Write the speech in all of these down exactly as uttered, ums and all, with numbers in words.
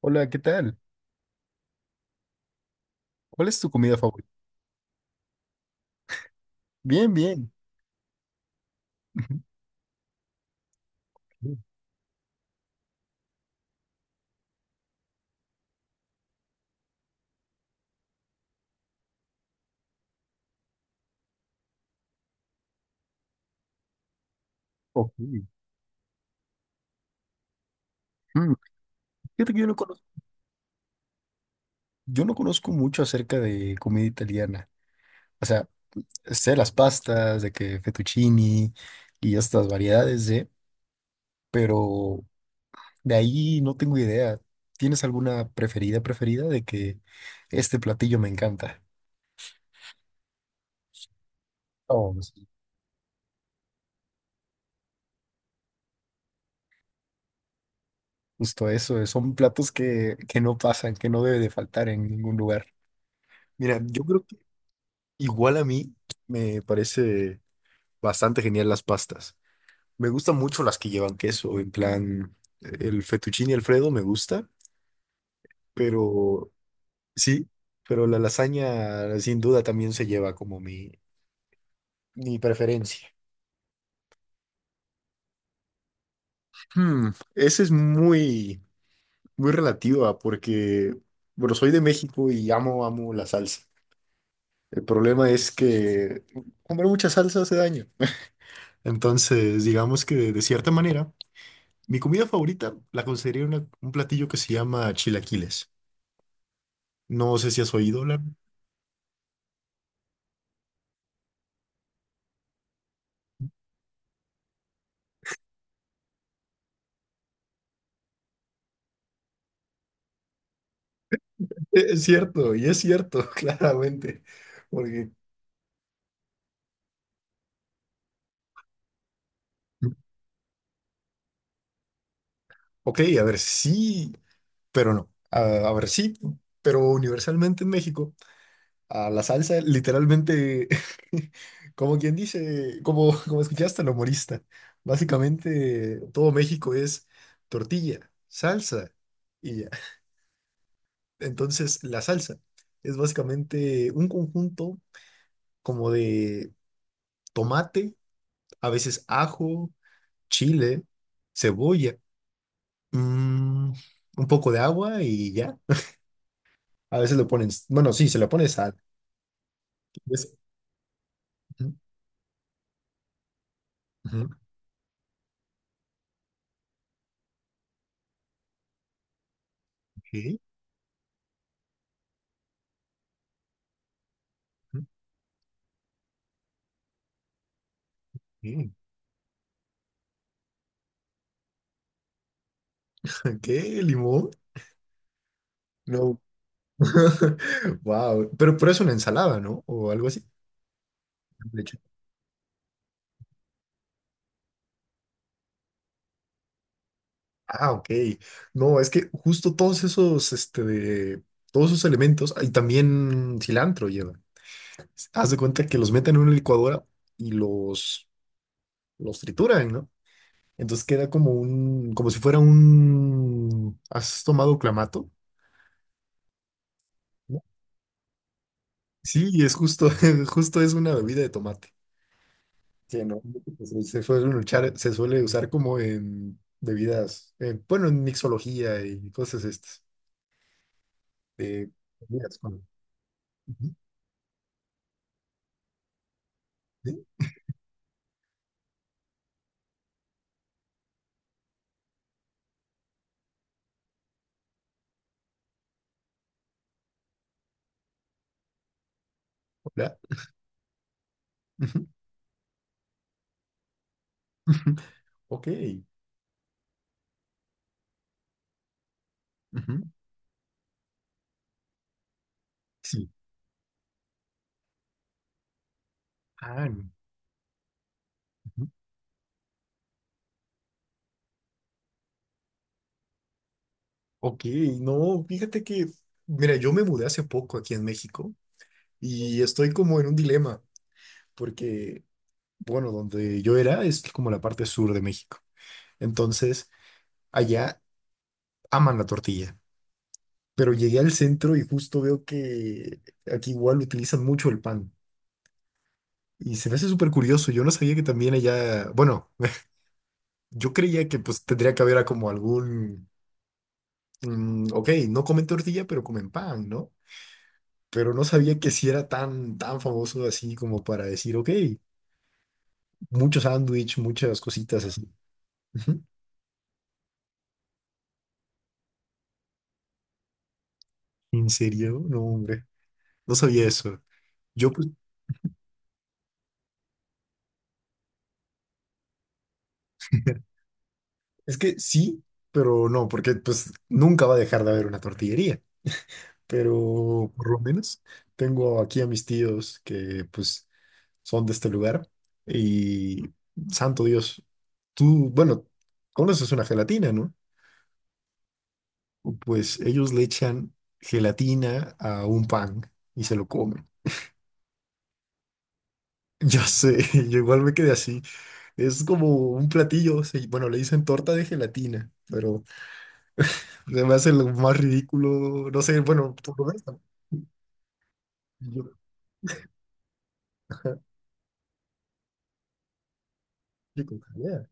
Hola, ¿qué tal? ¿Cuál es tu comida favorita? Bien, bien. Ok. Mm, fíjate que yo no conozco, yo no conozco mucho acerca de comida italiana. O sea, sé las pastas, de que fettuccini y estas variedades de, pero de ahí no tengo idea. ¿Tienes alguna preferida, preferida de que este platillo me encanta? Oh, sí. Justo eso, eh, son platos que, que no pasan, que no debe de faltar en ningún lugar. Mira, yo creo que igual a mí me parece bastante genial las pastas. Me gustan mucho las que llevan queso, en plan, el fettuccine Alfredo me gusta, pero sí, pero la lasaña sin duda también se lleva como mi, mi preferencia. Hmm, ese es muy, muy relativa porque, bueno, soy de México y amo, amo la salsa. El problema es que comer mucha salsa hace daño. Entonces, digamos que de cierta manera, mi comida favorita la consideraría una- un platillo que se llama chilaquiles. No sé si has oído hablar. Es cierto, y es cierto, claramente. Porque ok, a ver, sí, pero no. A, a ver, sí, pero universalmente en México, a la salsa literalmente, como quien dice, como, como escuchaste al humorista, básicamente todo México es tortilla, salsa y ya. Entonces, la salsa es básicamente un conjunto como de tomate, a veces ajo, chile, cebolla, mm, un poco de agua y ya. A veces lo ponen, bueno, sí, se le pone sal. Es- ujú, ujú, ok, ujú. ¿Qué? ¿Limón? No. Wow. Pero, pero es una ensalada, ¿no? O algo así. De hecho. Ah, ok. No, es que justo todos esos, este, de- todos esos elementos, y también cilantro llevan. Haz de cuenta que los meten en una licuadora y los, los trituran, ¿no? Entonces queda como un, como si fuera un, ¿has tomado clamato? ¿No? Sí, y es justo, justo es una bebida de tomate. Que no, pues, eh, se suele luchar- se suele usar como en bebidas, eh, bueno, en mixología y cosas estas. De bebidas con- Ujú, ¿sí? Hola. Ujú, ujú. Ok. Ujú. Sí. Ah, no, ujú. Ok, no, fíjate que, mira, yo me mudé hace poco aquí en México y estoy como en un dilema porque bueno, donde yo era, es como la parte sur de México. Entonces, allá aman la tortilla. Pero llegué al centro y justo veo que aquí igual utilizan mucho el pan. Y se me hace súper curioso. Yo no sabía que también allá, bueno, yo creía que pues tendría que haber a como algún, mm, ok, no comen tortilla, pero comen pan, ¿no? Pero no sabía que si era tan, tan famoso así como para decir, ok, mucho sándwich, muchas cositas así. Ujú. ¿En serio? No, hombre, no sabía eso. Yo pues es que sí, pero no, porque pues nunca va a dejar de haber una tortillería. Pero por lo menos tengo aquí a mis tíos que pues son de este lugar y santo Dios, tú, bueno, conoces una gelatina, ¿no? Pues ellos le echan gelatina a un pan y se lo comen. Yo sé, yo igual me quedé así. Es como un platillo, se- bueno, le dicen torta de gelatina, pero se me hace lo más ridículo, no sé, bueno, tú lo ves. Yo, yo con jalea,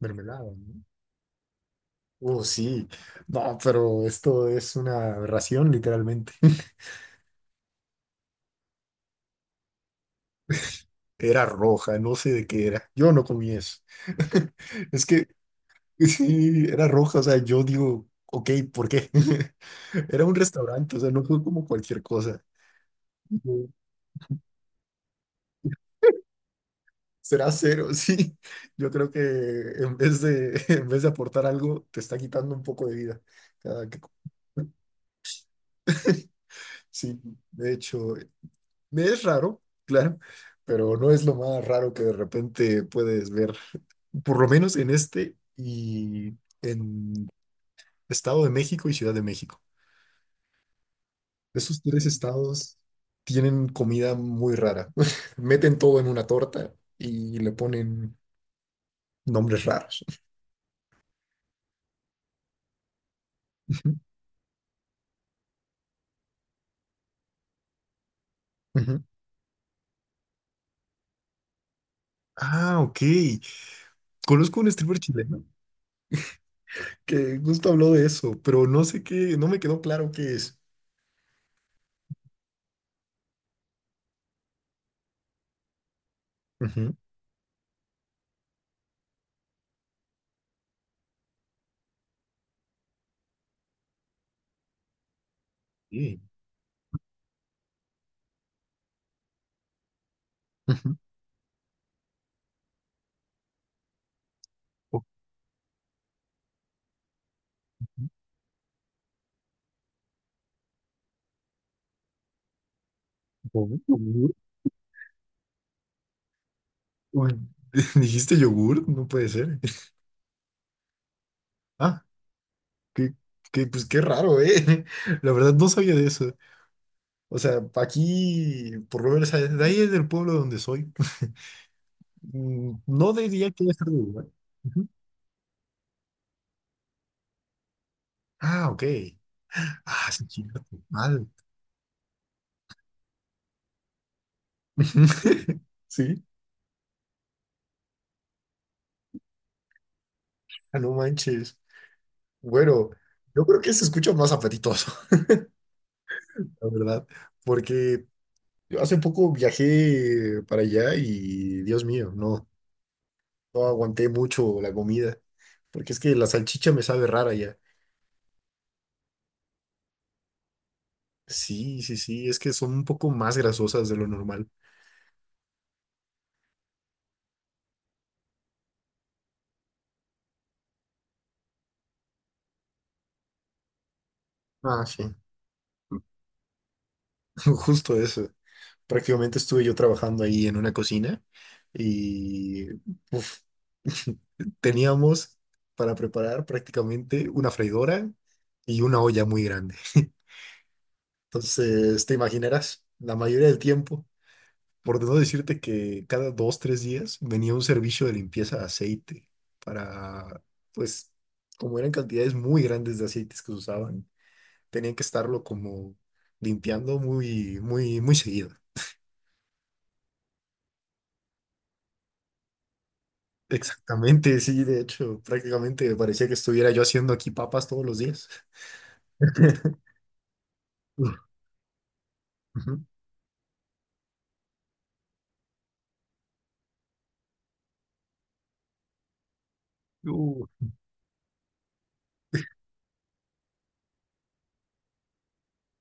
mermelada, ¿no? Oh, sí. No, pero esto es una aberración literalmente. Era roja, no sé de qué era. Yo no comí eso. Es que sí, era roja, o sea, yo digo, ok, ¿por qué? Era un restaurante, o sea, no fue como cualquier cosa. Yo, será cero, sí. Yo creo que en vez de, en vez de aportar algo, te está quitando un poco de vida cada que- comes. Sí, de hecho, me es raro, claro, pero no es lo más raro que de repente puedes ver, por lo menos en este y en Estado de México y Ciudad de México. Esos tres estados tienen comida muy rara. Meten todo en una torta y le ponen nombres raros. Ujú. Ah, ok. Conozco un streamer chileno que justo habló de eso, pero no sé qué, no me quedó claro qué es. Ujú. Sí. Ujú. Ok. Uy, dijiste yogur, no puede ser. Ah, qué, qué, pues qué raro, ¿eh? La verdad no sabía de eso. O sea, aquí, por lo menos, de ahí es del pueblo donde soy. Mm, no diría que haya estado de Uruguay. Ujú. Ah, ok. Ah, sí, cierto. Mal. Sí. Ah, no manches. Bueno, yo creo que se escucha más apetitoso, la verdad, porque yo hace poco viajé para allá y, Dios mío, no. No aguanté mucho la comida, porque es que la salchicha me sabe rara ya. Sí, sí, sí, es que son un poco más grasosas de lo normal. Ah, sí, justo eso. Prácticamente estuve yo trabajando ahí en una cocina y uf, teníamos para preparar prácticamente una freidora y una olla muy grande. Entonces, te imaginarás, la mayoría del tiempo. Por no decirte que cada dos, tres días venía un servicio de limpieza de aceite para, pues, como eran cantidades muy grandes de aceites que se usaban, tenían que estarlo como limpiando muy, muy, muy seguido. Exactamente, sí, de hecho, prácticamente parecía que estuviera yo haciendo aquí papas todos los días. Uf, ujú.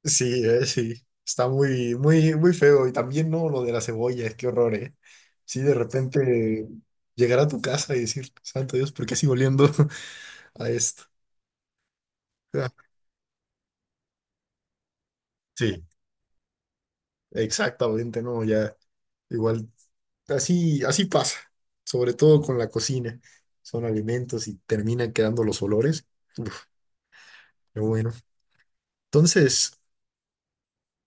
Sí, eh, sí. Está muy, muy, muy feo. Y también, ¿no? Lo de las cebollas, qué horror, ¿eh? Sí, de repente llegar a tu casa y decir, santo Dios, ¿por qué sigo oliendo a esto? Ah, sí, exactamente, ¿no? Ya, igual, así, así pasa, sobre todo con la cocina. Son alimentos y terminan quedando los olores. Uf, qué bueno. Entonces,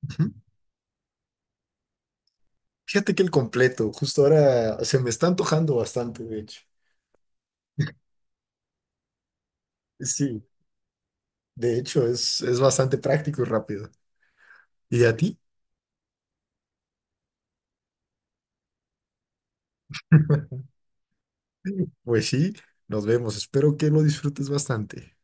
ujú, fíjate que el completo, justo ahora se me está antojando bastante, de hecho. Sí. De hecho, es, es bastante práctico y rápido. ¿Y a ti? Pues sí, nos vemos. Espero que lo disfrutes bastante.